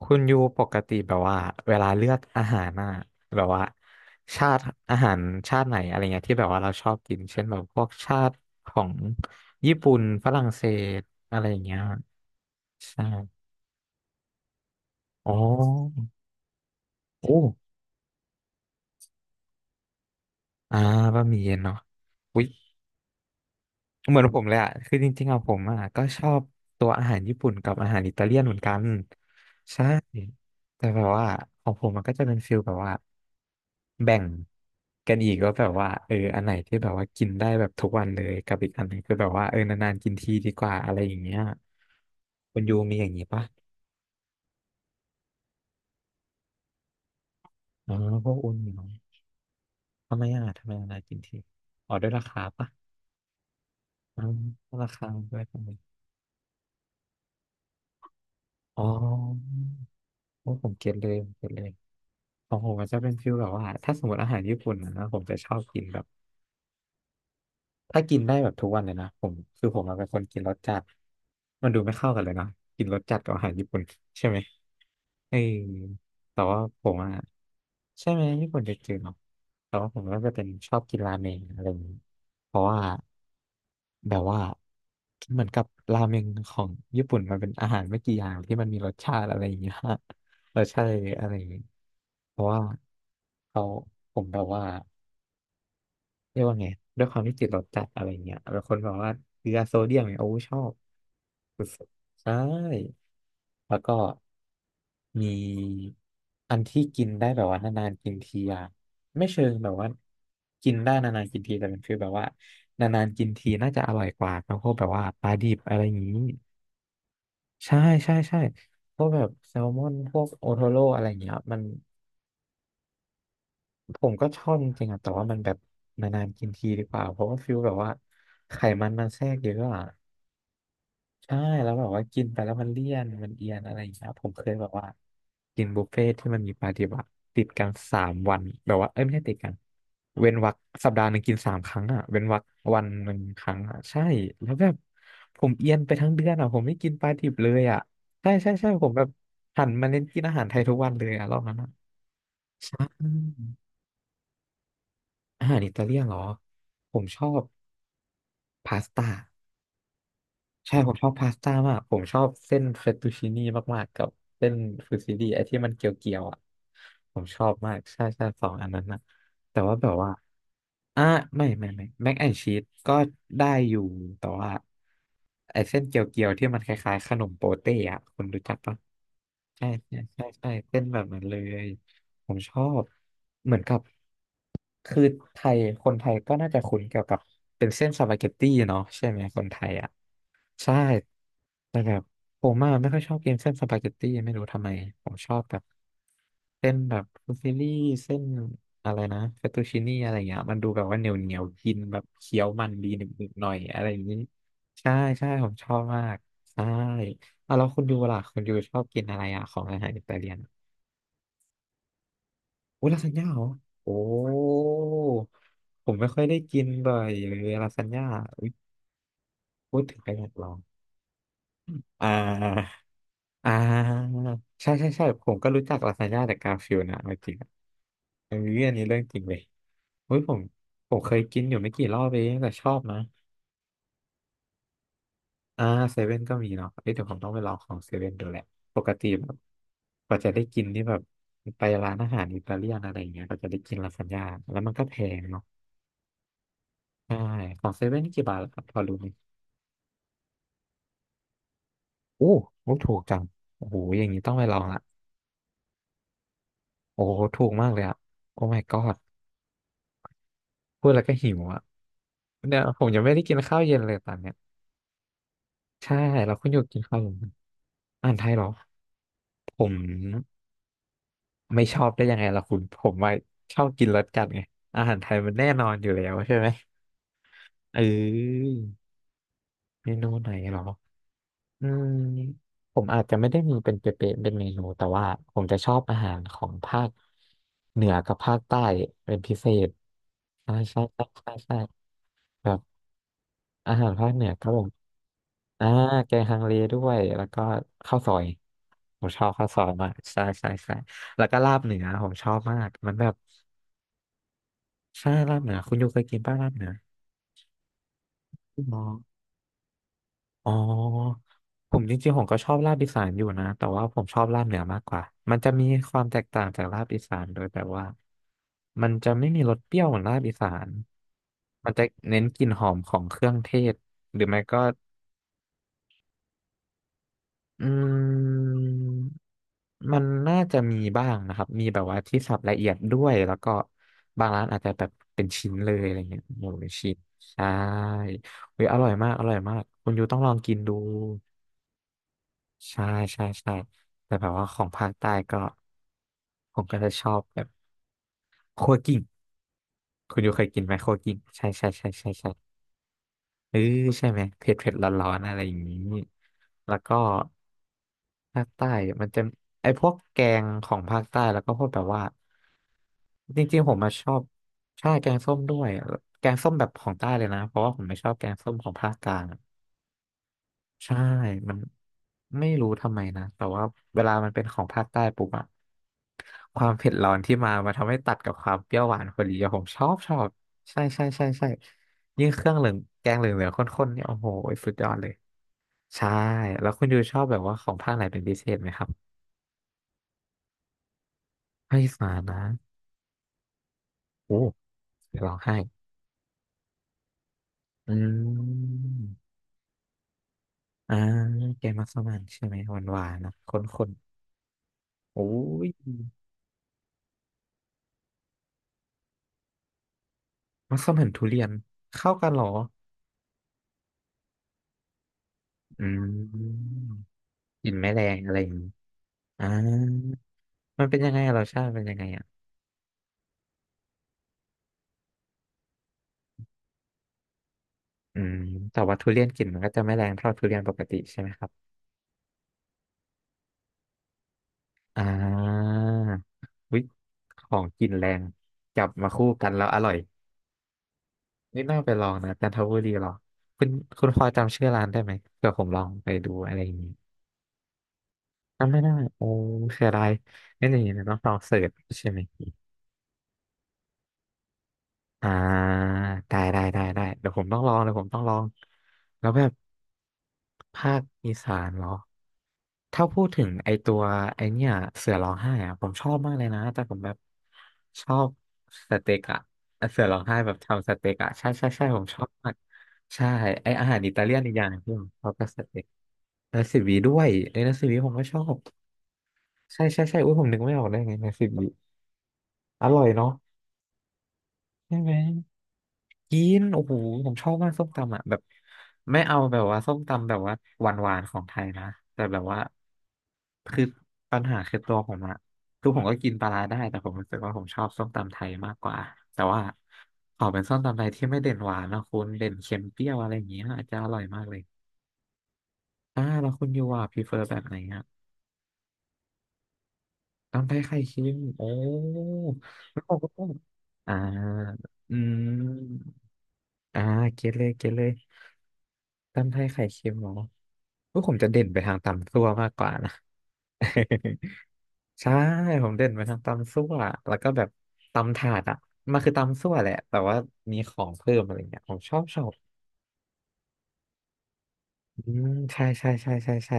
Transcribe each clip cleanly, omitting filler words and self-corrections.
คุณยูปกติแบบว่าเวลาเลือกอาหารน่ะแบบว่าชาติอาหารชาติไหนอะไรเงี้ยที่แบบว่าเราชอบกินเช่นแบบพวกชาติของญี่ปุ่นฝรั่งเศสอะไรอย่างเงี้ยใช่อ๋อโอ้อ่าบะหมี่เย็นเนาะอุ๊ย เหมือนผมเลยอ่ะคือจริงๆอะผมอ่ะก็ชอบตัวอาหารญี่ปุ่นกับอาหารอิตาเลียนเหมือนกันใช่แต่แบบว่าของผมมันก็จะเป็นฟิลแบบว่าแบ่งกันอีกว่าแบบว่าเอออันไหนที่แบบว่ากินได้แบบทุกวันเลยกับอีกอันหนึงคือแบบว่าเออนานๆกินทีดีกว่าอะไรอย่างเงี้ยคุณยูมีอย่างงี้ปะอ๋อพวกอุ่นเนาะทำไมอ่ะทำไมนานๆกินทีอ๋อด้วยราคาปะอ๋อราคาด้วยทำไมอ๋อโอ้ผมเก็ตเลยผมเก็ตเลย ของผมมันจะเป็นฟิลแบบว่าถ้าสมมติอาหารญี่ปุ่นนะผมจะชอบกินแบบ ถ้ากินได้แบบทุกวันเลยนะผมคือผมอะเป็นคนกินรสจัดมันดูไม่เข้ากันเลยเนาะกินรสจัดกับอาหารญี่ปุ่นใช่ไหมเออแต่ว่าผมอ่ะใช่ไหมญี่ปุ่นจะจืดเนาะแต่ว่าผมก็จะเป็นชอบกินราเมงอะไรอย่างนี้เพราะว่าแบบว่าเหมือนกับราเมงของญี่ปุ่นมันเป็นอาหารไม่กี่อย่างที่มันมีรสชาติอะไรอย่างเงี้ย รสชาติอะไรอย่างเงี้ยเพราะว่าเขาผมแบบว่า เรียกว่าไงด้วยความที่ติดรสจัดอะไรเงี้ยแล้วคนบอกว่าเกลือโซเดียมเนี่ยโอ้ชอบสุดๆใช่แล้วก็มีอันที่กินได้แบบว่านานๆกินทีอะไม่เชิงแบบว่ากินได้นานๆกินทีแต่มันคือแบบว่านานๆกินทีน่าจะอร่อยกว่าครับพวกแบบว่าปลาดิบอะไรอย่างนี้ใช่ใช่ใช่พวกแบบแซลมอนพวกโอโทโร่อะไรอย่างเงี้ยมัน ผมก็ชอบจริงๆอะแต่ว่ามันแบบนานๆกินทีดีกว่า เพราะว่าฟิลแบบว่าไขมันมันแทรกเยอะอะใช่แล้วแบบว่ากินไปแล้วมันเลี่ยนมันเอียนอะไรอย่างเงี้ยผมเคยแบบว่ากินบุฟเฟ่ที่มันมีปาฏิบัติติดกันสามวันแบบว่าเอ้ยไม่ใช่ติดกันเว้นวรรคสัปดาห์หนึ่งกินสามครั้งอ่ะ เว้นวรรควันหนึ่งครั้งอ่ะใช่แล้วแบบผมเอียนไปทั้งเดือนอ่ะผมไม่กินปลาดิบเลยอ่ะใช่ใช่ใช่ผมแบบหันมาเน้นกินอาหารไทยทุกวันเลยอ่ะรอบนั้นอะใช่ อาหารอิตาเลียนเหรอผมชอบพาสต้าใช่ผมชอบพาสต้ามากผมชอบเส้นเฟตตูชินี่มากๆกับเส้นฟูซิลี่ไอ้ที่มันเกลียวๆอ่ะผมชอบมากใช่ใช่สองอันนั้นนะแต่ว่าแบบว่าอ่ะไม่ไม่ไม่แม็กแอนชีสก็ได้อยู่แต่ว่าไอ้เส้นเกลียวๆที่มันคล้ายๆขนมโปเต้อะคุณรู้จักปะ ใช่ใช่ใช่ใช่เป็นแบบนั้นเลยผมชอบเหมือนกับคือไทยคนไทยก็น่าจะคุ้นเกี่ยวกับเป็นเส้นสปาเกตตี้เนาะใช่ไหมคนไทยอ่ะ ใช่แต่แบบผมอะไม่ค่อยชอบกินเส้นสปาเกตตี้ไม่รู้ทำไมผมชอบแบบเส้นแบบฟูซิลี่เส้นอะไรนะเฟตตูชินี่อะไรเงี้ยมันดูแบบว่าเหนียวเหนียวกินแบบเคี้ยวมันดีหนึบหนึบหน่อยอะไรอย่างนี้ใช่ใช่ผมชอบมากใช่อ่ะแล้วคุณยูล่ะคุณยูชอบกินอะไรอ่ะของอาหารอิตาเลียนอุ้ยลาซานญ่าเหรอโอ้ผมไม่ค่อยได้กินบ่อยเลยลาซานญ่าอุ๊ยพูดถึงไปอยากลองอ่า อ่าใช่ใช่ใช่ผมก็รู้จักลาซานญ่าจากกาฟิลด์นะเอาจริงอะอันนี้อันนี้เรื่องจริงเลยเฮ้ยผมเคยกินอยู่ไม่กี่รอบเองแต่ชอบนะอ่าเซเว่นก็มีเนาะเอ้ยเดี๋ยวผมต้องไปลองของเซเว่นดูแหละปกติแบบกว่าจะได้กินนี่แบบไปร้านอาหารอิตาเลียนอะไรอย่างเงี้ยก็จะได้กินลาซานญ่าแล้วมันก็แพงเนาะใช่ของเซเว่นนี่กี่บาทล่ะครับพอรู้ไหมโอ้โหถูกจังโอ้โหอย่างนี้ต้องไปลองละโอ้โหถูกมากเลยอะโอ้ my god พูดแล้วก็หิวอ่ะเนี่ยผมยังไม่ได้กินข้าวเย็นเลยตอนเนี้ยใช่เลาคุณอยู่กินข้าวเย็นไหมอาหารไทยเหรอผมไม่ชอบได้ยังไงล่ะคุณผมว่าชอบกินรสจัดไงอาหารไทยมันแน่นอนอยู่แล้วใช่ไหมเออเมนูไหนเหรออืมผมอาจจะไม่ได้มีเป็นเป๊ะๆเป็นเมนูแต่ว่าผมจะชอบอาหารของภาคเหนือกับภาคใต้เป็นพิเศษใช่ใช่ใช่ใช่ใช่แบบอาหารภาคเหนือก็แบบ อ่าแกงฮังเลด้วยแล้วก็ข้าวซอยผมชอบข้าวซอยมากใช่ใช่ใช่แล้วก็ลาบเหนือผมชอบมากมันแบบใช่ลาบเหนือคุณยูเคยกินป้าลาบเหนืออมออ๋อผมจริงๆผมก็ชอบลาบอีสานอยู่นะแต่ว่าผมชอบลาบเหนือมากกว่ามันจะมีความแตกต่างจากลาบอีสานโดยแบบว่ามันจะไม่มีรสเปรี้ยวเหมือนลาบอีสานมันจะเน้นกลิ่นหอมของเครื่องเทศหรือไม่ก็อืม มันน่าจะมีบ้างนะครับมีแบบว่าที่สับละเอียดด้วยแล้วก็บางร้านอาจจะแบบเป็นชิ้นเลยอะไรเงี้ยหมูเป็นชิ้นใช่เฮ้ยอร่อยมากอร่อยมาก คุณยูต้องลองกินดู ใช่ใช่ใช่แต่แบบว่าของภาคใต้ก็ผมก็จะชอบแบบคั่วกลิ้งคุณยูเคยกินไหมคั่วกลิ้งใช่ใช่ใช่ใช่ใช่ เออใช่ไหมเผ็ดเผ็ดร้อนๆอะไรอย่างนี้แล้วก็ภาคใต้มันจะไอพวกแกงของภาคใต้แล้วก็พวกแบบว่าจริงๆผมมาชอบใช่แกงส้มด้วยแกงส้มแบบของใต้เลยนะเพราะว่าผมไม่ชอบแกงส้มของภาคกลาง ใช่ มันไม่รู้ทำไมนะแต่ว่าเวลามันเป็นของภาคใต้ปุ๊บอะความเผ็ดร้อนที่มาทำให้ตัดกับความเปรี้ยวหวานพอดีอะผมชอบใช่ใช่ใช่ใช่ยิ่งเครื่องเหลืองแกงเหลืองเหลืองข้นๆเนี่ยโอ้โหสุดยอดเลย ใช่ แล้วคุณยูชอบแบบว่าของภาคไหนเป็นพิเศษไหมครับภาคอีสานนะโอ้เดี๋ยวร้องไห้อืมอ่าแกงมัสมั่นใช่ไหมหวานๆนะข้นๆ โอ้ยมัสมั่นทุเรียนเข้ากันเหรอ อืมกลิ่นไม่แรงอะไรอย่างนี้อ่ามันเป็นยังไงอะรสชาติเป็นยังไงอ่ะอืมแต่ว่าทุเรียนกลิ่นมันก็จะไม่แรงเท่าทุเรียนปกติใช่ไหมครับอ่าวิของกินแรงจับมาคู่กันแล้วอร่อยนี่น่าไปลองนะจันทบุรีหรอคุณคุณพอจำชื่อร้านได้ไหมเผื่อผมลองไปดูอะไรอย่างนี้จำไม่ได้โอ้เสียดายงั้นอย่างนี้เดี๋ยวต้องลองเสิร์ชใช่ไหมอ่าได้ได้ได้ได้เดี๋ยวผมต้องลองเดี๋ยวผมต้องลองแล้วแบบ ภาคอีสานเหรอถ้าพูดถึงไอตัวไอเนี่ยเสือร้องไห้อะผมชอบมากเลยนะ แต่ผมแบบชอบสเต็กอะเสือร้องไห้แบบทำสเต็กอะใช่ใช่ใช่ ผมชอบมากใช่ไออาหารอิตาเลียนอีกอย่างหนึ่งที่ผมชอบก็สเต็กนาซิบีด้วยไอนาซิบีผมก็ชอบ ใช่ใช่ใช่อุ้ยผมนึกไม่ออกได้ไงนาซิบีอร่อยเนาะใช่ไหม กินโอ้โหผมชอบมากส้มตำอ่ะแบบไม่เอาแบบว่าส้มตำแบบว่าหวานๆของไทยนะแต่แบบว่าคือปัญหาคือตัวผมอะคือผมก็กินปลาร้าได้แต่ผมรู้สึกว่าผมชอบส้มตำไทยมากกว่าแต่ว่าขอเป็นส้มตำไทยที่ไม่เด่นหวานนะคุณเด่นเค็มเปรี้ยวอะไรอย่างเงี้ยอาจจะอร่อยมากเลยแล้วคุณยูอ่ะพรีเฟอร์แบบไหนอะตำไทยไข่เค็มโอ้แล้วผมก็ต้องอ่าอืม อ่าเก็ตเลยเก็ตเลยตำไทยไข่เค็มเหรอพวกผมจะเด่นไปทางตำซั่วมากกว่านะ ใช่ผมเด่นไปทางตำซั่วแล้วก็แบบตำถาดอ่ะมันคือตำซั่วแหละแต่ว่ามีของเพิ่มอะไรเงี้ยผมชอบ อืมใช่ใช่ใช่ใช่ใช่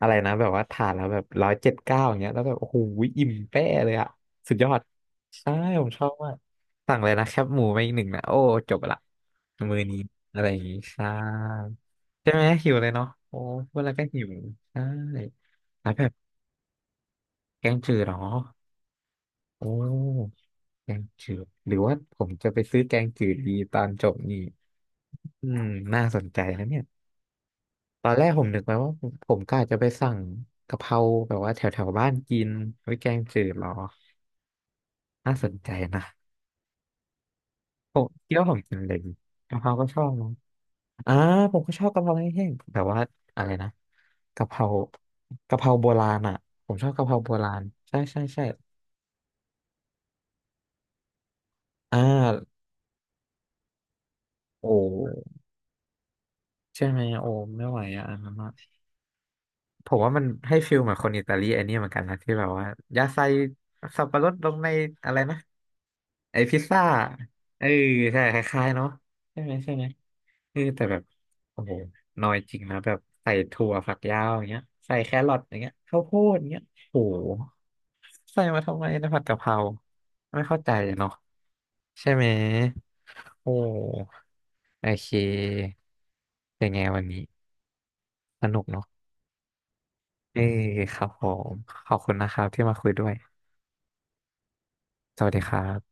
อะไรนะแบบว่าทานแล้วแบบ179อย่างเงี้ยแล้วแบบโอ้โหอิ่มแป้เลยอะสุดยอดใช่ผมชอบมากสั่งเลยนะแคบหมูมาอีกหนึ่งนะโอ้จบละมือนี้อะไรอย่างงี้ใช่ใช่ไหมหิวเลยเนาะโอ้พูดแล้วก็หิวใช่แล้วแบบแกงจืดเหรอโอ้แกงจืดหรือว่าผมจะไปซื้อแกงจืดดีตอนจบนี่อืมน่าสนใจนะเนี่ย ตอนแรกผมนึกไว้ว่าผมก็อาจจะไปสั่งกะเพราแบบว่าแถวแถวบ้านกินไว้แกงจืดหรอน่าสนใจนะผมคิดว่าผมกินเลยกะเพราก็ชอบนะอ่าผมก็ชอบกะเพราแห้งๆแบบว่าอะไรนะกะเพรากะเพราโบราณอ่ะผมชอบกะเพราโบราณใช่ใช่ใช่อ่าโอ้ใช่ไหมโอ้ไม่ไหวอ่ะอันนั้นอะผมว่ามันให้ฟิลเหมือนคนอิตาลีไอันนี้เหมือนกันนะที่แบบว่ายาใส่สับปะรดลงในอะไรนะ ไอพิซซ่าเออใช่คล้ายๆเนาะใช่ไหมใช่ไหมเออแต่แบบโอ้โหน้อยจริงนะแบบใส่ถั่วฝักยาวอย่างเงี้ยใส่แครอทอย่างเงี้ยข้าวโพดอย่างเงี้ยโอ้โหใส่มาทำไมนะผัดกะเพราไม่เข้าใจเนาะใช่ไหมโอ้โอเคเป็นไงวันนี้สนุกเนาะเออครับผมขอบคุณนะครับที่มาคุยด้วยสวัสดีครับ